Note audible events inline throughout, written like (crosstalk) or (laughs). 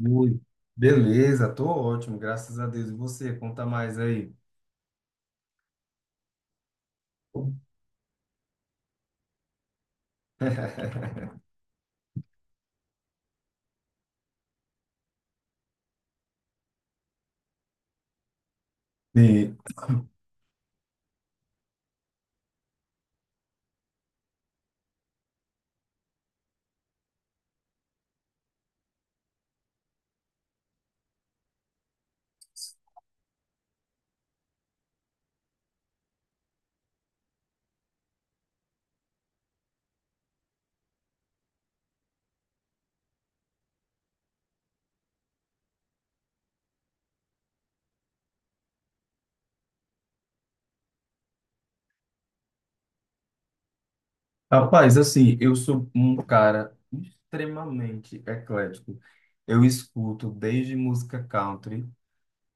Oi, beleza, tô ótimo, graças a Deus. E você, conta mais aí. (laughs) E, rapaz, assim, eu sou um cara extremamente eclético. Eu escuto desde música country,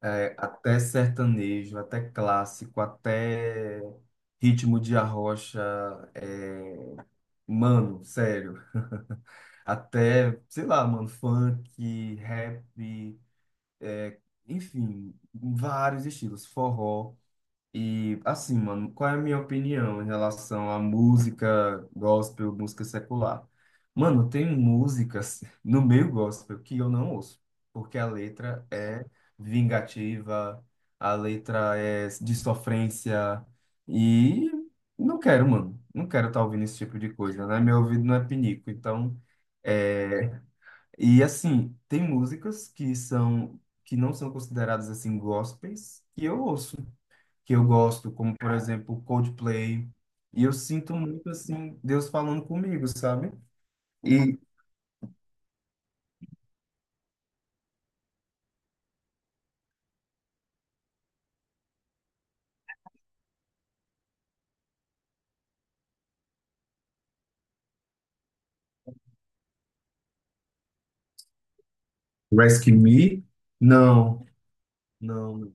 até sertanejo, até clássico, até ritmo de arrocha, eh, mano, sério. Até, sei lá, mano, funk, rap. é, Enfim, vários estilos, forró. E assim, mano, qual é a minha opinião em relação à música gospel, música secular? Mano, tem músicas (laughs) no meio gospel que eu não ouço, porque a letra é vingativa, a letra é de sofrência, e não quero, mano, não quero estar ouvindo esse tipo de coisa, né? Meu ouvido não é pinico, então. É, e assim, tem músicas que são que não são consideradas assim gospels, que eu ouço, que eu gosto, como por exemplo, Coldplay, e eu sinto muito assim Deus falando comigo, sabe? E Rescue Me? Não, não.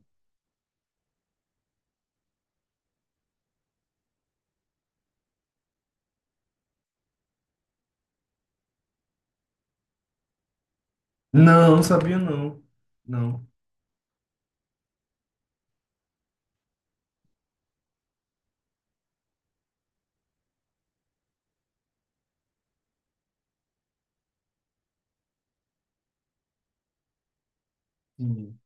Não, não sabia não. Não. Sim.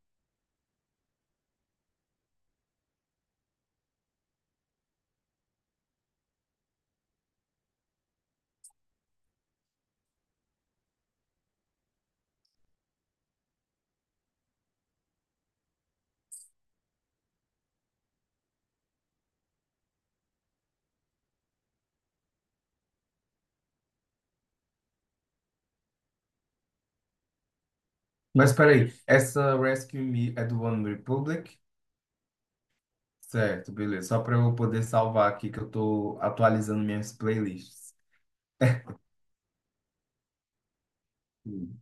Mas peraí, essa Rescue Me é do One Republic? Certo, beleza. Só para eu poder salvar aqui que eu tô atualizando minhas playlists. Sim.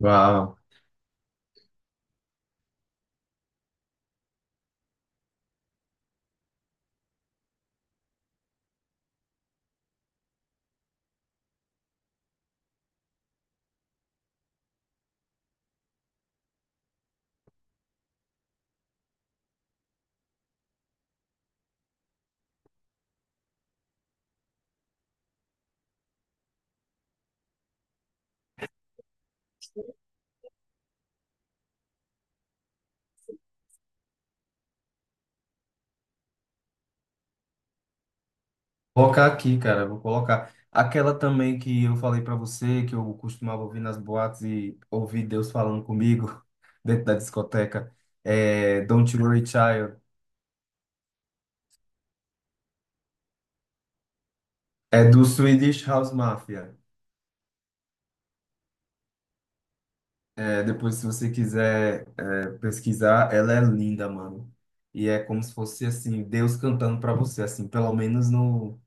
Uau. Colocar aqui, cara. Vou colocar aquela também que eu falei pra você, que eu costumava ouvir nas boates e ouvir Deus falando comigo (laughs) dentro da discoteca. É Don't You Worry Child. É do Swedish House Mafia. É, depois, se você quiser pesquisar, ela é linda, mano. E é como se fosse assim, Deus cantando pra você, assim, pelo menos no...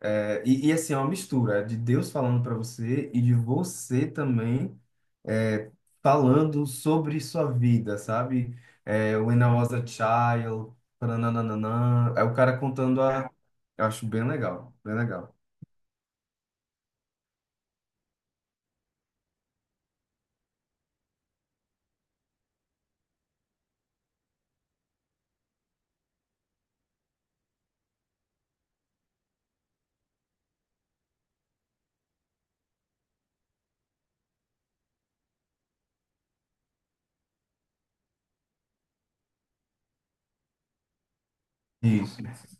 É, e assim, é uma mistura de Deus falando para você e de você também é, falando sobre sua vida, sabe? É, When I Was a Child, nananana, é o cara contando a... Eu acho bem legal, bem legal. Isso,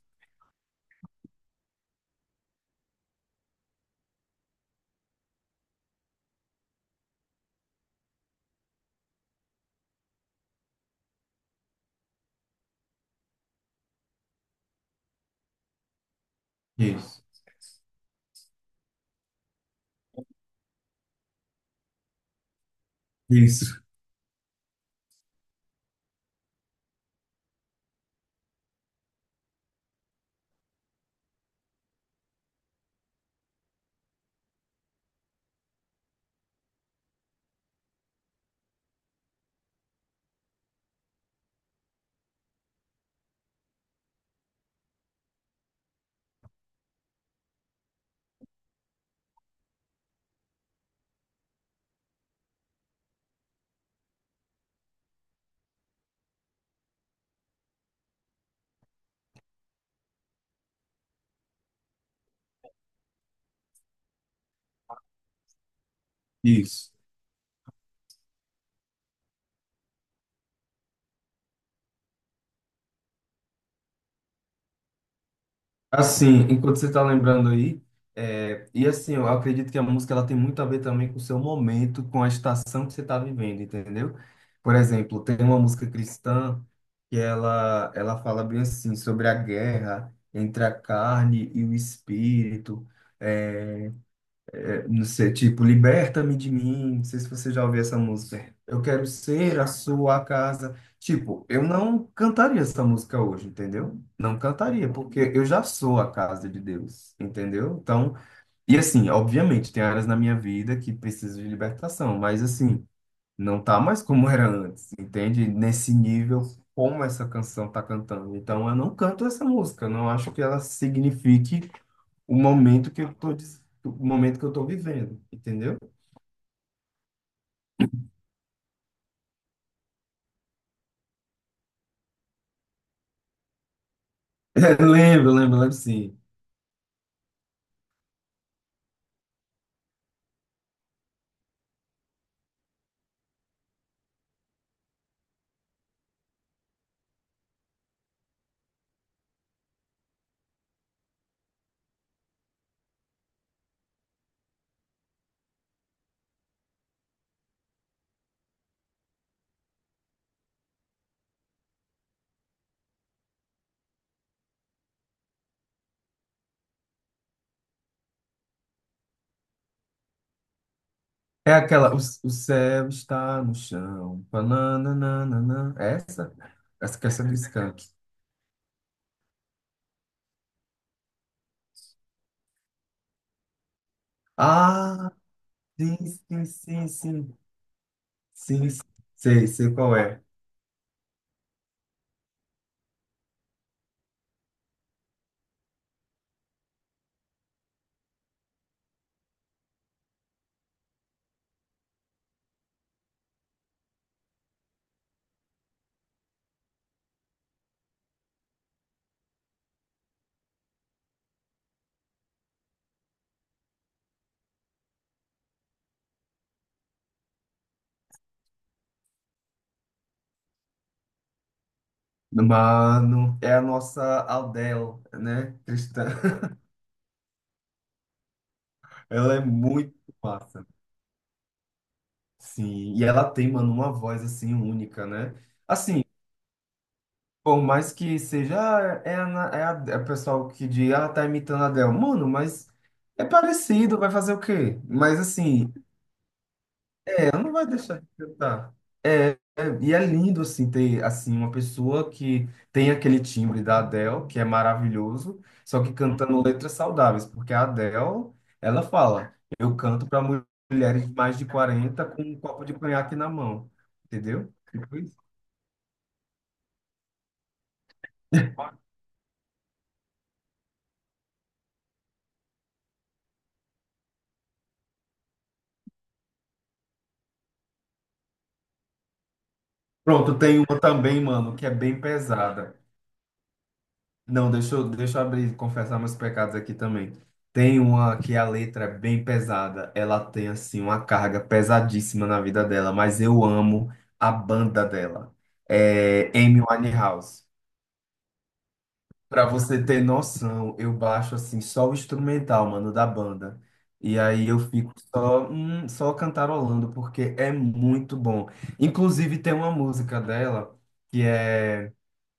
isso, isso, isso. Assim, enquanto você está lembrando aí, e assim, eu acredito que a música ela tem muito a ver também com o seu momento, com a estação que você está vivendo, entendeu? Por exemplo, tem uma música cristã que ela fala bem assim sobre a guerra entre a carne e o espírito, é, não sei, tipo, liberta-me de mim. Não sei se você já ouviu essa música. Eu quero ser a sua casa. Tipo, eu não cantaria essa música hoje, entendeu? Não cantaria, porque eu já sou a casa de Deus, entendeu? Então, e assim, obviamente, tem áreas na minha vida que precisam de libertação, mas assim, não tá mais como era antes, entende? Nesse nível, como essa canção tá cantando. Então, eu não canto essa música, não acho que ela signifique o momento que eu tô, o momento que eu tô vivendo, entendeu? (laughs) Lembro, lembro, lembro sim. É aquela, o céu está no chão, pananana, essa? Essa que é essa do Skank. Ah, sim, sim, sim, sim, sim, sim. Sei, sei qual é. Mano, é a nossa Adele, né, cristã. (laughs) Ela é muito massa. Sim, e ela tem, mano, uma voz assim única, né? Assim, por mais que seja, ah, Ana- é o pessoal que diz, ah, tá imitando a Adele. Mano, mas é parecido, vai fazer o quê? Mas assim, ela não vai deixar de cantar. É, e é lindo, assim, ter, assim, uma pessoa que tem aquele timbre da Adele, que é maravilhoso, só que cantando letras saudáveis, porque a Adele, ela fala, eu canto para mulheres de mais de 40 com um copo de conhaque na mão, entendeu? Tipo isso. Pronto, tem uma também, mano, que é bem pesada. Não, deixa eu abrir, confessar meus pecados aqui também. Tem uma que a letra é bem pesada, ela tem assim uma carga pesadíssima na vida dela, mas eu amo a banda dela. É Amy Winehouse. Pra você ter noção, eu baixo assim só o instrumental, mano, da banda. E aí eu fico só, só cantarolando porque é muito bom. Inclusive tem uma música dela que é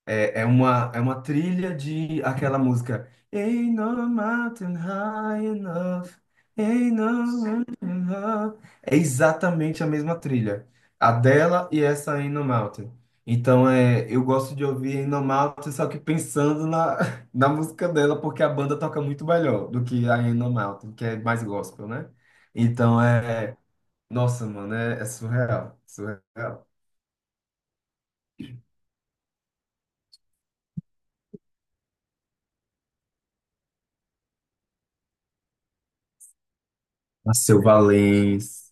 é, é uma, é uma trilha de aquela música. Ain't No Mountain High Enough. Ain't No Mountain High. É exatamente a mesma trilha. A dela e essa Ain't No Mountain. Então é, eu gosto de ouvir Ain't No Mountain, só que pensando na, (laughs) na música dela, porque a banda toca muito melhor do que a Ain't No Mountain, que é mais gospel, né? Então é. Nossa, mano, é surreal. Surreal. Seu Valença.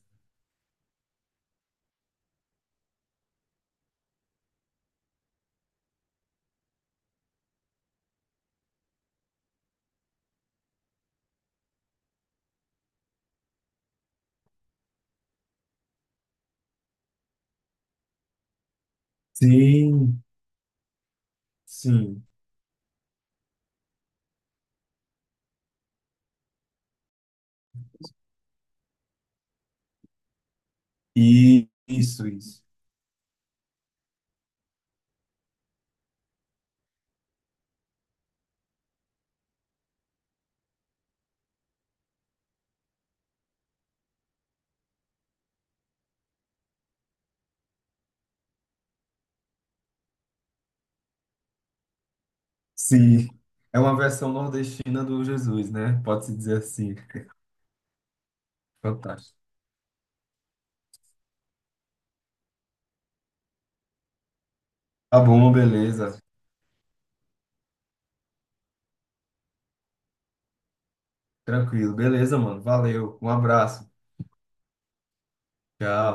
Sim, sim. E isso, isso. Sim. É uma versão nordestina do Jesus, né? Pode-se dizer assim. Fantástico. Tá bom, beleza. Tranquilo. Beleza, mano. Valeu. Um abraço. Tchau.